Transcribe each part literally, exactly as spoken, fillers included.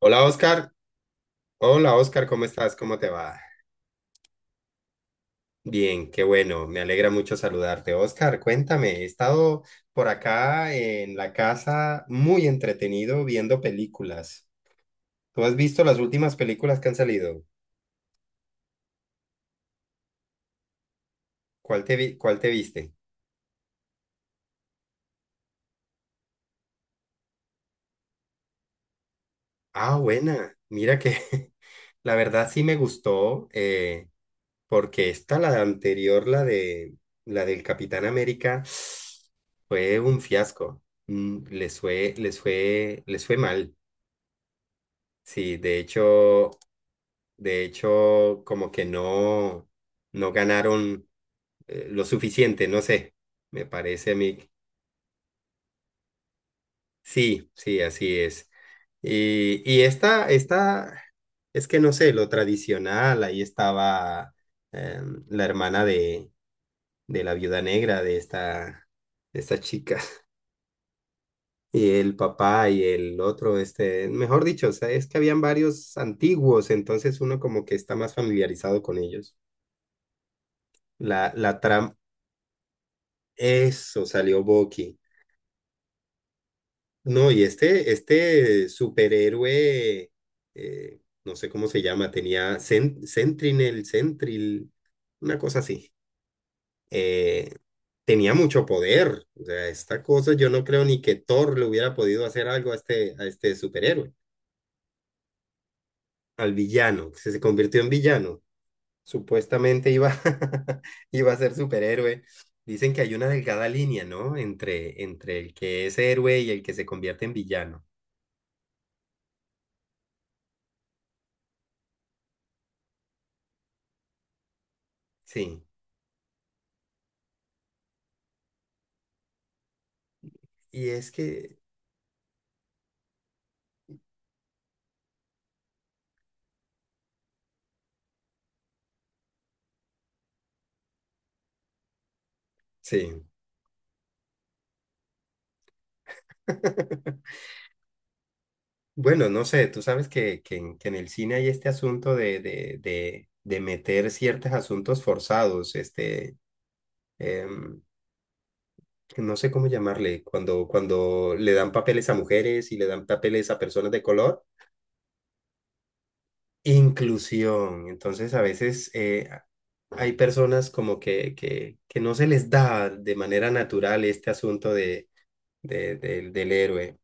Hola Oscar, hola Oscar, ¿cómo estás? ¿Cómo te va? Bien, qué bueno, me alegra mucho saludarte. Oscar, cuéntame, he estado por acá en la casa muy entretenido viendo películas. ¿Tú has visto las últimas películas que han salido? ¿Cuál te vi- ¿cuál te viste? Ah, buena, mira que la verdad sí me gustó, eh, porque esta, la anterior, la de la del Capitán América, fue un fiasco. Mm, Les fue, les fue, les fue mal. Sí, de hecho, de hecho, como que no, no ganaron eh, lo suficiente, no sé, me parece a mí. Sí, sí, así es. Y, y esta, esta, es que no sé, lo tradicional, ahí estaba em, la hermana de, de la viuda negra de esta, de esta chica, y el papá y el otro, este, mejor dicho, o sea, es que habían varios antiguos, entonces uno como que está más familiarizado con ellos. La, la trampa. Eso salió Bucky. No, y este, este superhéroe, eh, no sé cómo se llama, tenía Sen- Sentinel, Sentril, una cosa así. Eh, tenía mucho poder. O sea, esta cosa yo no creo ni que Thor le hubiera podido hacer algo a este, a este superhéroe, al villano, que se se convirtió en villano. Supuestamente iba, iba a ser superhéroe. Dicen que hay una delgada línea, ¿no? Entre, entre el que es héroe y el que se convierte en villano. Sí. Y es que, sí. Bueno, no sé, tú sabes que, que, en que en el cine hay este asunto de, de, de, de meter ciertos asuntos forzados, este, em, no sé cómo llamarle, cuando, cuando le dan papeles a mujeres y le dan papeles a personas de color. Inclusión. Entonces, a veces eh, a- hay personas como que, que, que no se les da de manera natural este asunto de, de- del del héroe.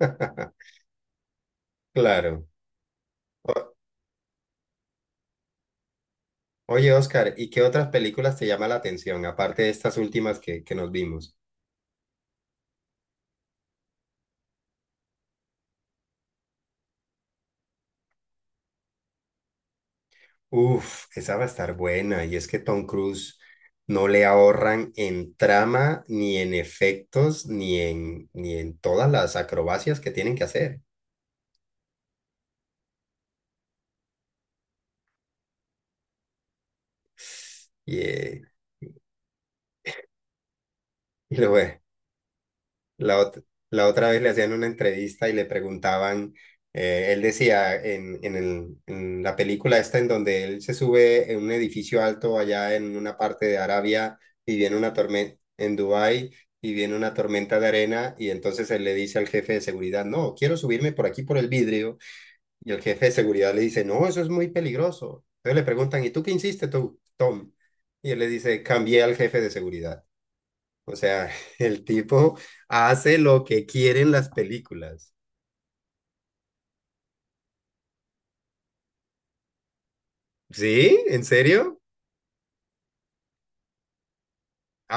Claro. O- oye, Oscar, ¿y qué otras películas te llama la atención, aparte de estas últimas que, que nos vimos? Uf, esa va a estar buena. Y es que Tom Cruise no le ahorran en trama, ni en efectos, ni en, ni en todas las acrobacias que tienen que hacer. Y, eh, y luego, La, ot- la otra vez le hacían una entrevista y le preguntaban, eh, él decía en, en, el- en la película esta en donde él se sube en un edificio alto allá en una parte de Arabia y viene una tormenta en Dubái y viene una tormenta de arena y entonces él le dice al jefe de seguridad, no, quiero subirme por aquí por el vidrio, y el jefe de seguridad le dice, no, eso es muy peligroso. Entonces le preguntan, ¿y tú qué hiciste tú, Tom? Y él le dice, cambié al jefe de seguridad. O sea, el tipo hace lo que quieren las películas. ¿Sí? ¿En serio?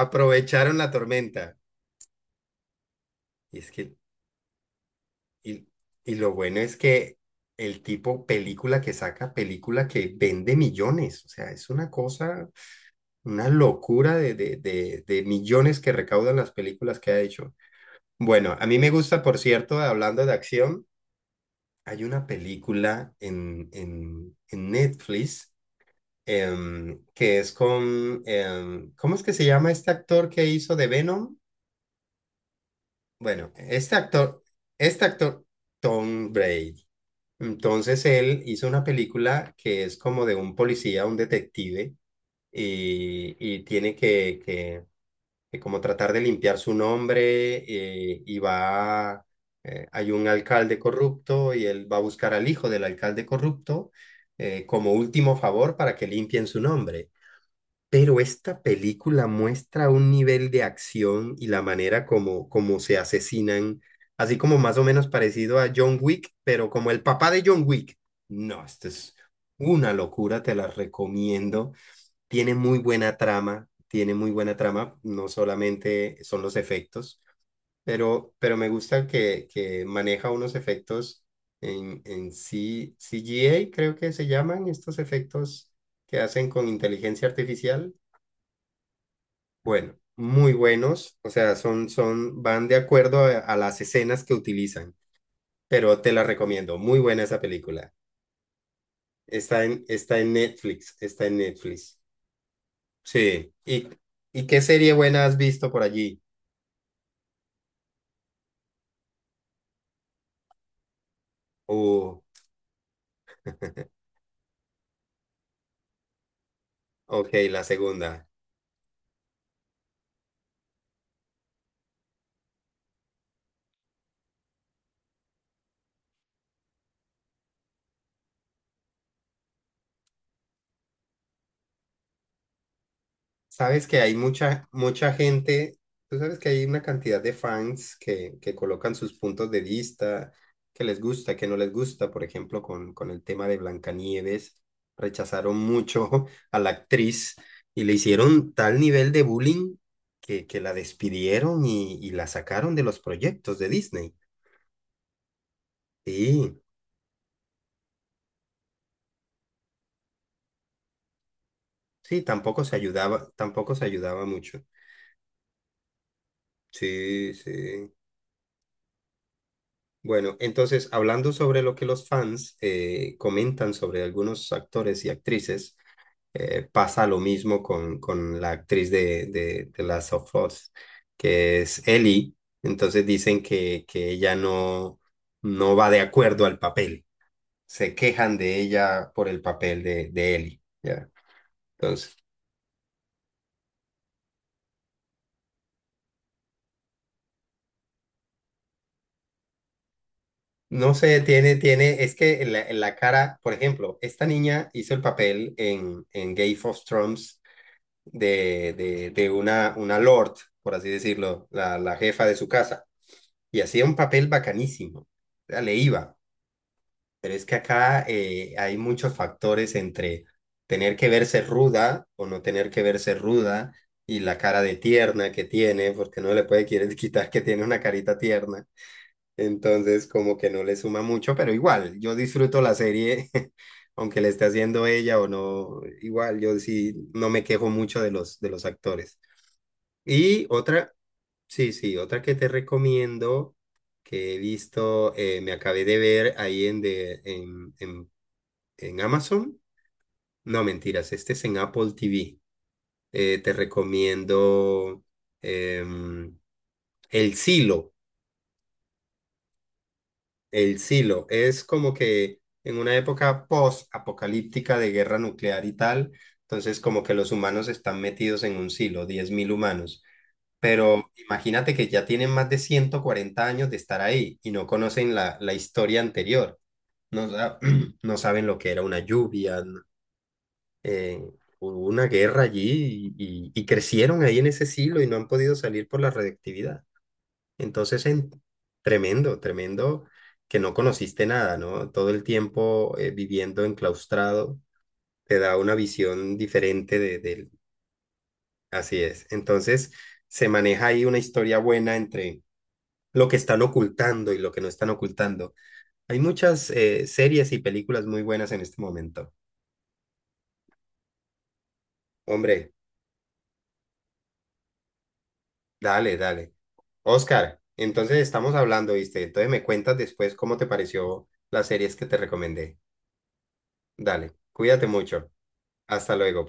Aprovecharon la tormenta. Y es que, y, y lo bueno es que el tipo, película que saca, película que vende millones. O sea, es una cosa, una locura de, de, de, de millones que recaudan las películas que ha hecho. Bueno, a mí me gusta, por cierto, hablando de acción, hay una película en, en, en Netflix, em, que es con, em, ¿cómo es que se llama este actor que hizo de Venom? Bueno, este actor, este actor, Tom Brady. Entonces él hizo una película que es como de un policía, un detective, y, y tiene que, que, que como tratar de limpiar su nombre, eh, y va, eh, hay un alcalde corrupto y él va a buscar al hijo del alcalde corrupto, eh, como último favor para que limpien su nombre. Pero esta película muestra un nivel de acción y la manera como, como se asesinan, así como más o menos parecido a John Wick, pero como el papá de John Wick. No, esto es una locura, te la recomiendo. Tiene muy buena trama, tiene muy buena trama, no solamente son los efectos, pero, pero me gusta que, que maneja unos efectos en, en C- CGI creo que se llaman estos efectos que hacen con inteligencia artificial. Bueno, muy buenos, o sea, son, son, van de acuerdo a, a las escenas que utilizan, pero te la recomiendo, muy buena esa película. Está en, está en Netflix, está en Netflix. Sí, ¿y, ¿y qué serie buena has visto por allí? Uh, ok, la segunda. Sabes que hay mucha, mucha gente, tú sabes que hay una cantidad de fans que, que colocan sus puntos de vista, que les gusta, que no les gusta. Por ejemplo, con, con el tema de Blancanieves, rechazaron mucho a la actriz, y le hicieron tal nivel de bullying que, que la despidieron y, y la sacaron de los proyectos de Disney. Sí, sí, tampoco se ayudaba, tampoco se ayudaba mucho. Sí, sí. Bueno, entonces, hablando sobre lo que los fans eh, comentan sobre algunos actores y actrices, eh, pasa lo mismo con, con la actriz de, de, de Last of Us, que es Ellie. Entonces dicen que, que ella no, no va de acuerdo al papel. Se quejan de ella por el papel de, de Ellie. ¿Ya? Entonces, no sé, tiene, tiene, es que en la, en la cara, por ejemplo, esta niña hizo el papel en, en Game of Thrones de, de, de una, una lord, por así decirlo, la, la jefa de su casa, y hacía un papel bacanísimo, o sea, le iba, pero es que acá, eh, hay muchos factores entre tener que verse ruda o no tener que verse ruda, y la cara de tierna que tiene, porque no le puede querer quitar que tiene una carita tierna. Entonces, como que no le suma mucho, pero igual, yo disfruto la serie, aunque le esté haciendo ella o no, igual, yo sí no me quejo mucho de los, de los actores. Y otra, sí, sí, otra que te recomiendo, que he visto, eh, me acabé de ver ahí en, de, en, en, en Amazon. No, mentiras, este es en Apple T V. Eh, te recomiendo em, El Silo. El Silo es como que en una época post-apocalíptica de guerra nuclear y tal, entonces como que los humanos están metidos en un silo, diez mil humanos. Pero imagínate que ya tienen más de ciento cuarenta años de estar ahí y no conocen la, la historia anterior. No, sa- no saben lo que era una lluvia, n- eh, hubo una guerra allí y, y- y crecieron ahí en ese siglo y no han podido salir por la radiactividad. Entonces, en- tremendo, tremendo que no conociste nada, ¿no? Todo el tiempo, eh, viviendo enclaustrado te da una visión diferente de, del- Así es. Entonces, se maneja ahí una historia buena entre lo que están ocultando y lo que no están ocultando. Hay muchas eh, series y películas muy buenas en este momento. Hombre, dale, dale. Oscar, entonces estamos hablando, ¿viste? Entonces me cuentas después cómo te pareció las series que te recomendé. Dale, cuídate mucho. Hasta luego, pues.